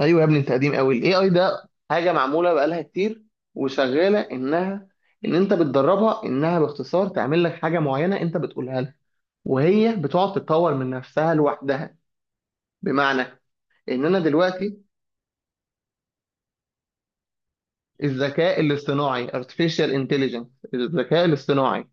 ايوه يا ابني، انت قديم قوي. الاي اي ده حاجه معموله بقالها كتير وشغاله ان انت بتدربها انها باختصار تعمل لك حاجه معينه انت بتقولها لها، وهي بتقعد تتطور من نفسها لوحدها. بمعنى ان انا دلوقتي الذكاء الاصطناعي artificial intelligence، الذكاء الاصطناعي.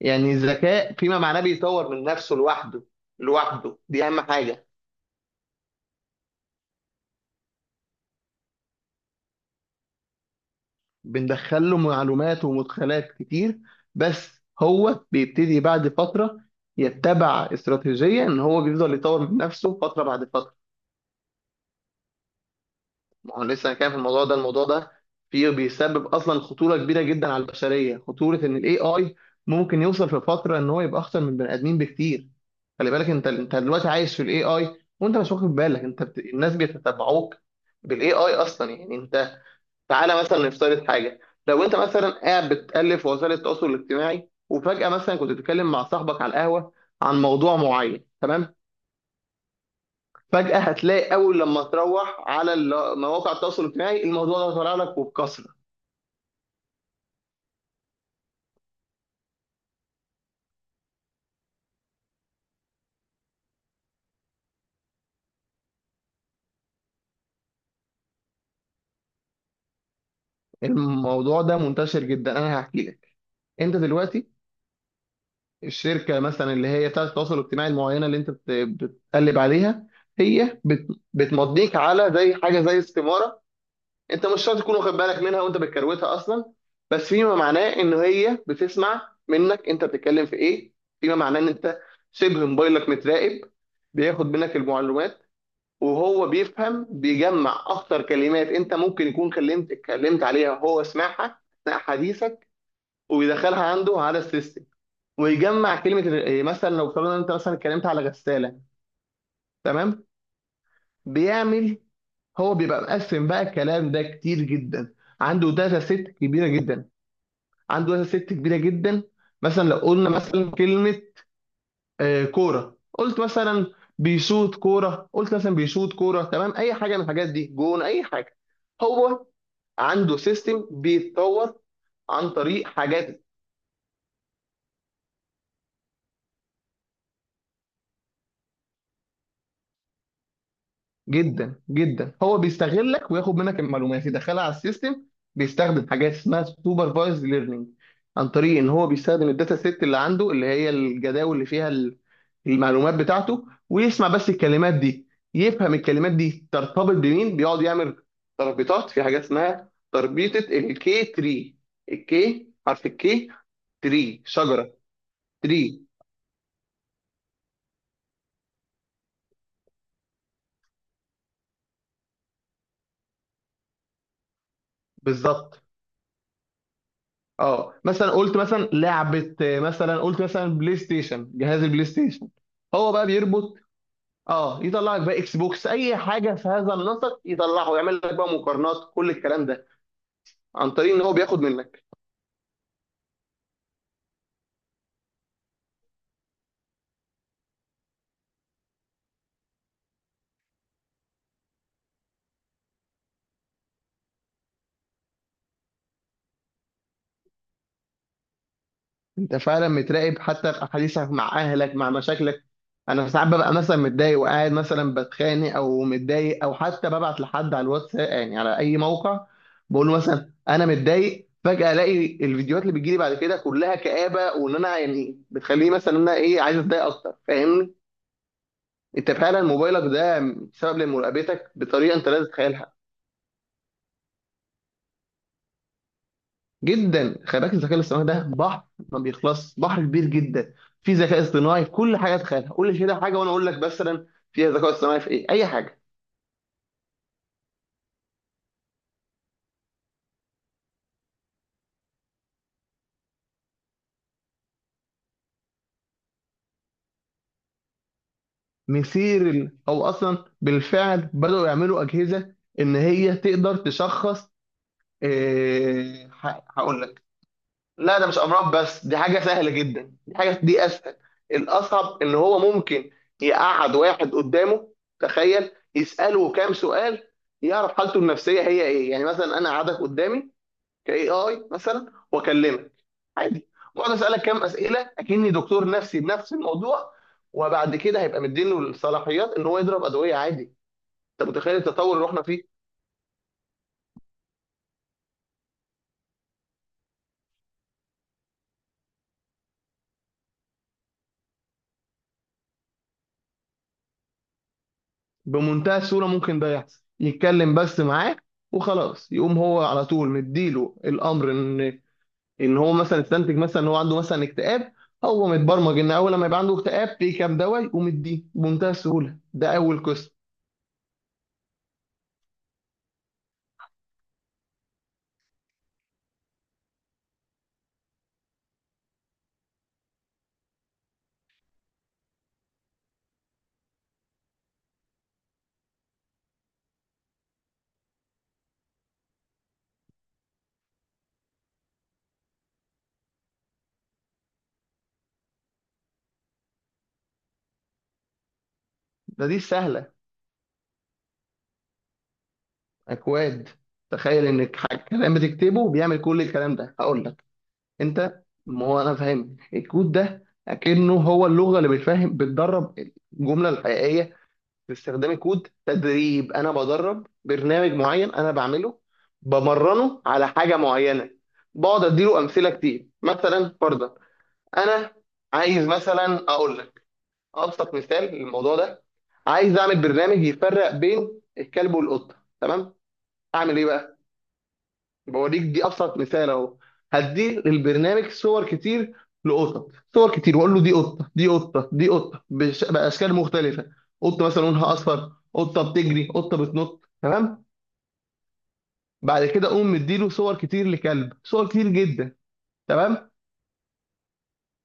يعني الذكاء فيما معناه بيطور من نفسه لوحده. لوحده دي اهم حاجه. بندخل له معلومات ومدخلات كتير، بس هو بيبتدي بعد فترة يتبع استراتيجية إن هو بيفضل يطور من نفسه فترة بعد فترة. ما هو لسه انا كان في الموضوع ده فيه، بيسبب أصلا خطورة كبيرة جدا على البشرية. خطورة إن ال AI ممكن يوصل في فترة إن هو يبقى أخطر من البني آدمين بكتير. خلي بالك أنت دلوقتي عايش في ال AI وأنت مش واخد بالك. الناس بيتتبعوك بال AI. أصلا يعني انت، تعالى مثلا نفترض حاجه. لو انت مثلا قاعد بتالف في وسائل التواصل الاجتماعي، وفجاه مثلا كنت بتتكلم مع صاحبك على القهوه عن موضوع معين، تمام؟ فجاه هتلاقي اول لما تروح على مواقع التواصل الاجتماعي، الموضوع ده طالع لك وبكثره. الموضوع ده منتشر جدا، انا هحكي لك. انت دلوقتي الشركه مثلا اللي هي بتاعه التواصل الاجتماعي المعينه اللي انت بتقلب عليها، هي بتمضيك على زي حاجه زي استماره. انت مش شرط تكون واخد بالك منها وانت بتكروتها اصلا، بس فيما معناه ان هي بتسمع منك انت بتتكلم في ايه. فيما معناه ان انت شبه موبايلك متراقب، بياخد منك المعلومات. وهو بيفهم، بيجمع اكتر كلمات انت ممكن يكون اتكلمت عليها وهو سمعها اثناء حديثك، ويدخلها عنده على السيستم، ويجمع كلمه إيه، مثلا لو افترضنا انت مثلا اتكلمت على غساله، تمام؟ بيعمل، هو بيبقى مقسم بقى الكلام ده كتير جدا. عنده داتا سيت كبيره جدا، عنده مثلا ست كبيره جدا. مثلا لو قلنا مثلا كلمه آه، كوره، قلت مثلا بيشوط كوره، قلت مثلا بيشوط كوره، تمام؟ اي حاجه من الحاجات دي، جون، اي حاجه. هو عنده سيستم بيتطور عن طريق حاجات. جدا جدا هو بيستغلك وياخد منك المعلومات يدخلها على السيستم. بيستخدم حاجات اسمها سوبرفايزد ليرنينج، عن طريق ان هو بيستخدم الداتا سيت اللي عنده، اللي هي الجداول اللي فيها المعلومات بتاعته، ويسمع بس الكلمات دي، يفهم الكلمات دي ترتبط بمين. بيقعد يعمل تربيطات في حاجات اسمها تربيطة الكي تري. الكي حرف الكي. تري شجرة. تري. بالظبط. اه مثلا قلت مثلا لعبة آه، مثلا قلت مثلا بلاي ستيشن، جهاز البلاي ستيشن. هو بقى بيربط. اه يطلع لك بقى اكس بوكس، اي حاجة في هذا النسق يطلعه، يعمل لك بقى مقارنات، كل الكلام ده عن طريق ان هو بياخد منك. انت فعلا متراقب حتى في احاديثك مع اهلك، مع مشاكلك. انا ساعات ببقى مثلا متضايق وقاعد مثلا بتخانق او متضايق، او حتى ببعت لحد على الواتس يعني على اي موقع، بقول له مثلا انا متضايق. فجأة الاقي الفيديوهات اللي بتجيلي بعد كده كلها كآبة، وان انا يعني بتخليني مثلا ان انا ايه عايز اتضايق اكتر، فاهمني؟ انت فعلا موبايلك ده سبب لمراقبتك بطريقة انت لا تتخيلها. جدا، خلي بالك الذكاء الاصطناعي ده بحر، ما بيخلص، بحر كبير جدا. في ذكاء اصطناعي في كل حاجه تخيلها، قول لي كده حاجه وانا اقول لك مثلا فيها ذكاء اصطناعي في ايه، اي حاجه. مثير او اصلا بالفعل بداوا يعملوا اجهزه ان هي تقدر تشخص. إيه هقول لك. لا ده مش امراض بس، دي حاجه سهله جدا، دي حاجه دي اسهل. الاصعب ان هو ممكن يقعد واحد قدامه، تخيل، يساله كام سؤال، يعرف حالته النفسيه هي ايه. يعني مثلا انا قعدك قدامي كاي اي مثلا واكلمك عادي، واقعد اسالك كام اسئله اكني دكتور نفسي بنفس الموضوع، وبعد كده هيبقى مديله الصلاحيات ان هو يضرب ادويه عادي. انت متخيل التطور اللي احنا فيه؟ بمنتهى السهوله ممكن ده يحصل، يتكلم بس معاك وخلاص، يقوم هو على طول مديله الامر ان هو مثلا استنتج مثلا ان هو عنده مثلا اكتئاب. هو متبرمج ان اول لما يبقى عنده اكتئاب في كام دواء، يقوم يديه بمنتهى السهوله. ده اول قسم. ده دي سهله، اكواد. تخيل انك كلام بتكتبه بيعمل كل الكلام ده، هقول لك. انت ما هو انا فاهم الكود ده اكنه هو اللغه اللي بتفهم، بتدرب الجمله الحقيقيه باستخدام الكود. تدريب، انا بدرب برنامج معين انا بعمله، بمرنه على حاجه معينه، بقعد اديله امثله كتير. مثلا فرضا انا عايز مثلا اقول لك ابسط مثال للموضوع ده، عايز اعمل برنامج يفرق بين الكلب والقطه، تمام؟ اعمل ايه بقى؟ بوريك، دي ابسط مثال اهو. هدي للبرنامج صور كتير لقطط، صور كتير، واقول له دي قطه دي قطه دي قطه، باشكال مختلفه. قطه مثلا لونها اصفر، قطه بتجري، قطه بتنط، تمام؟ بعد كده اقوم مديله صور كتير لكلب، صور كتير جدا، تمام؟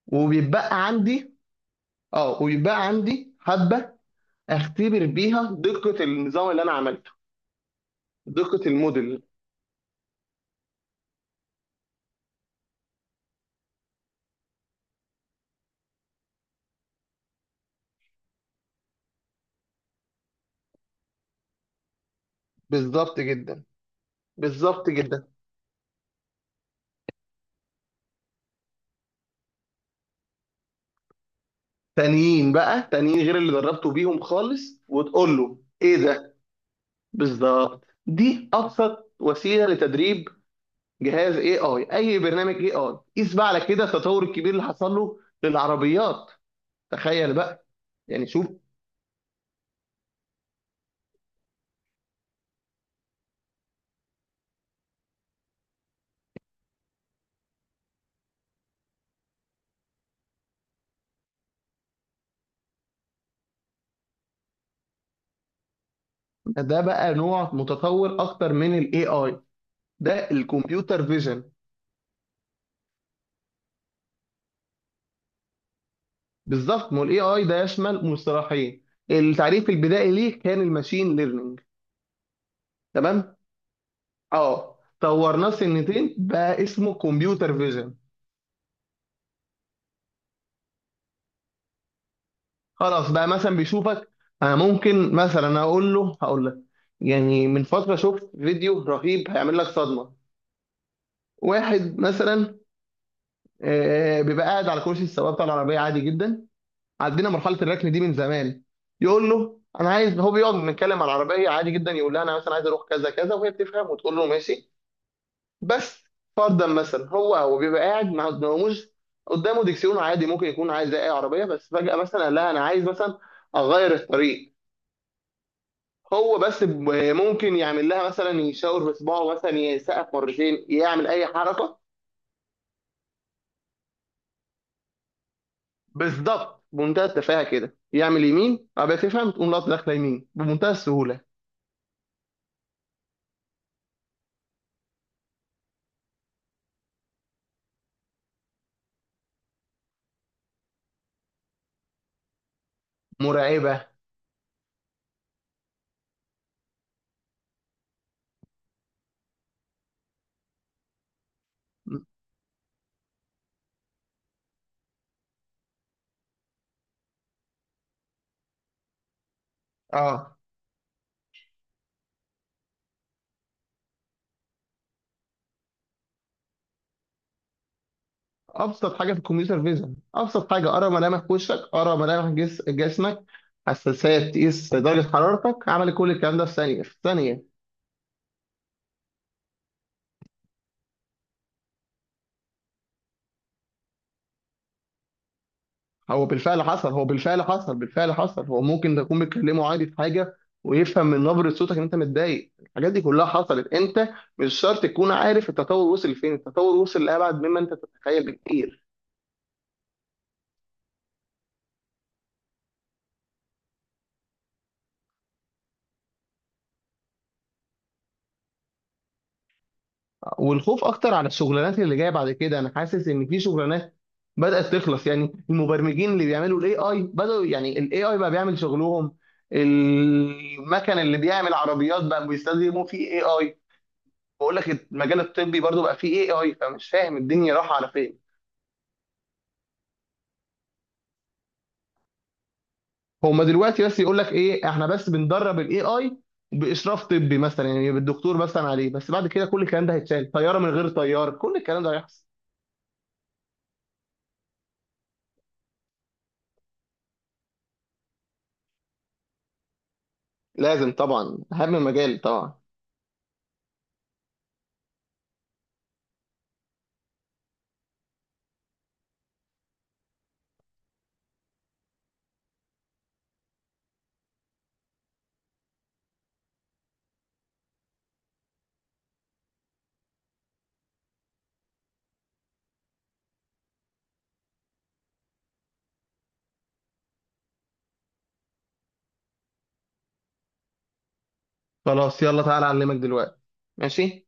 وبيتبقى عندي، اه وبيتبقى عندي حبه، اختبر بيها دقه النظام اللي انا عملته، دقه الموديل. بالظبط جدا. بالظبط جدا. تانيين بقى، تانيين غير اللي دربته بيهم خالص، وتقول له ايه ده. بالظبط، دي ابسط وسيله لتدريب جهاز اي اي، اي برنامج اي اي. قيس بقى على كده التطور الكبير اللي حصل له للعربيات، تخيل بقى. يعني شوف، ده بقى نوع متطور اكتر من الاي اي، ده الكمبيوتر فيجن. بالظبط، ما الاي اي ده يشمل مصطلحين. التعريف البدائي ليه كان الماشين ليرنينج، تمام؟ اه طورناه، سنتين بقى اسمه كمبيوتر فيجن. خلاص بقى مثلا بيشوفك. انا ممكن مثلا اقول له، هقول لك. يعني من فتره شفت فيديو رهيب هيعمل لك صدمه. واحد مثلا آه، بيبقى قاعد على كرسي السواق بتاع العربيه عادي جدا. عدينا مرحله الركن دي من زمان. يقول له انا عايز، هو بيقعد بنتكلم على العربيه عادي جدا، يقول لها انا مثلا عايز اروح كذا كذا، وهي بتفهم وتقول له ماشي. بس فرضا مثلا هو بيبقى قاعد، ما قداموش، قدامه دكسيون عادي، ممكن يكون عايز زي اي عربيه، بس فجاه مثلا قال لها انا عايز مثلا اغير الطريق. هو بس ممكن يعمل لها مثلا يشاور بصباعه، مثلا يسقف مرتين، يعمل اي حركه. بالظبط، بمنتهى التفاهه كده، يعمل يمين ابقى تفهم، تقوم لقطه داخله يمين بمنتهى السهوله. مرعبه، اه. ابسط حاجه في الكمبيوتر فيجن، ابسط حاجه، ارى ملامح وشك، ارى ملامح جسمك، حساسيه تقيس درجه حرارتك، عمل كل الكلام ده في ثانيه، في ثانيه. هو بالفعل حصل، هو بالفعل حصل. هو ممكن تكون بتكلمه عادي في حاجه ويفهم من نبره صوتك ان انت متضايق. الحاجات دي كلها حصلت، انت مش شرط تكون عارف التطور وصل لفين. التطور وصل لابعد مما انت تتخيل بكتير. والخوف اكتر على الشغلانات اللي جايه بعد كده، انا حاسس ان في شغلانات بدات تخلص. يعني المبرمجين اللي بيعملوا الاي اي، بداوا، يعني الاي اي بقى بيعمل شغلهم. المكن اللي بيعمل عربيات بقى بيستخدموا فيه اي اي. بقول لك المجال الطبي برضو بقى فيه اي اي، فمش فاهم الدنيا رايحه على فين. هما دلوقتي بس يقول لك ايه، احنا بس بندرب الاي اي باشراف طبي مثلا، يعني بالدكتور مثلا عليه. بس بعد كده كل الكلام ده هيتشال، طياره من غير طيار، كل الكلام ده هيحصل. لازم طبعا، اهم مجال طبعا. خلاص يلا تعالى اعلمك دلوقتي. ماشي.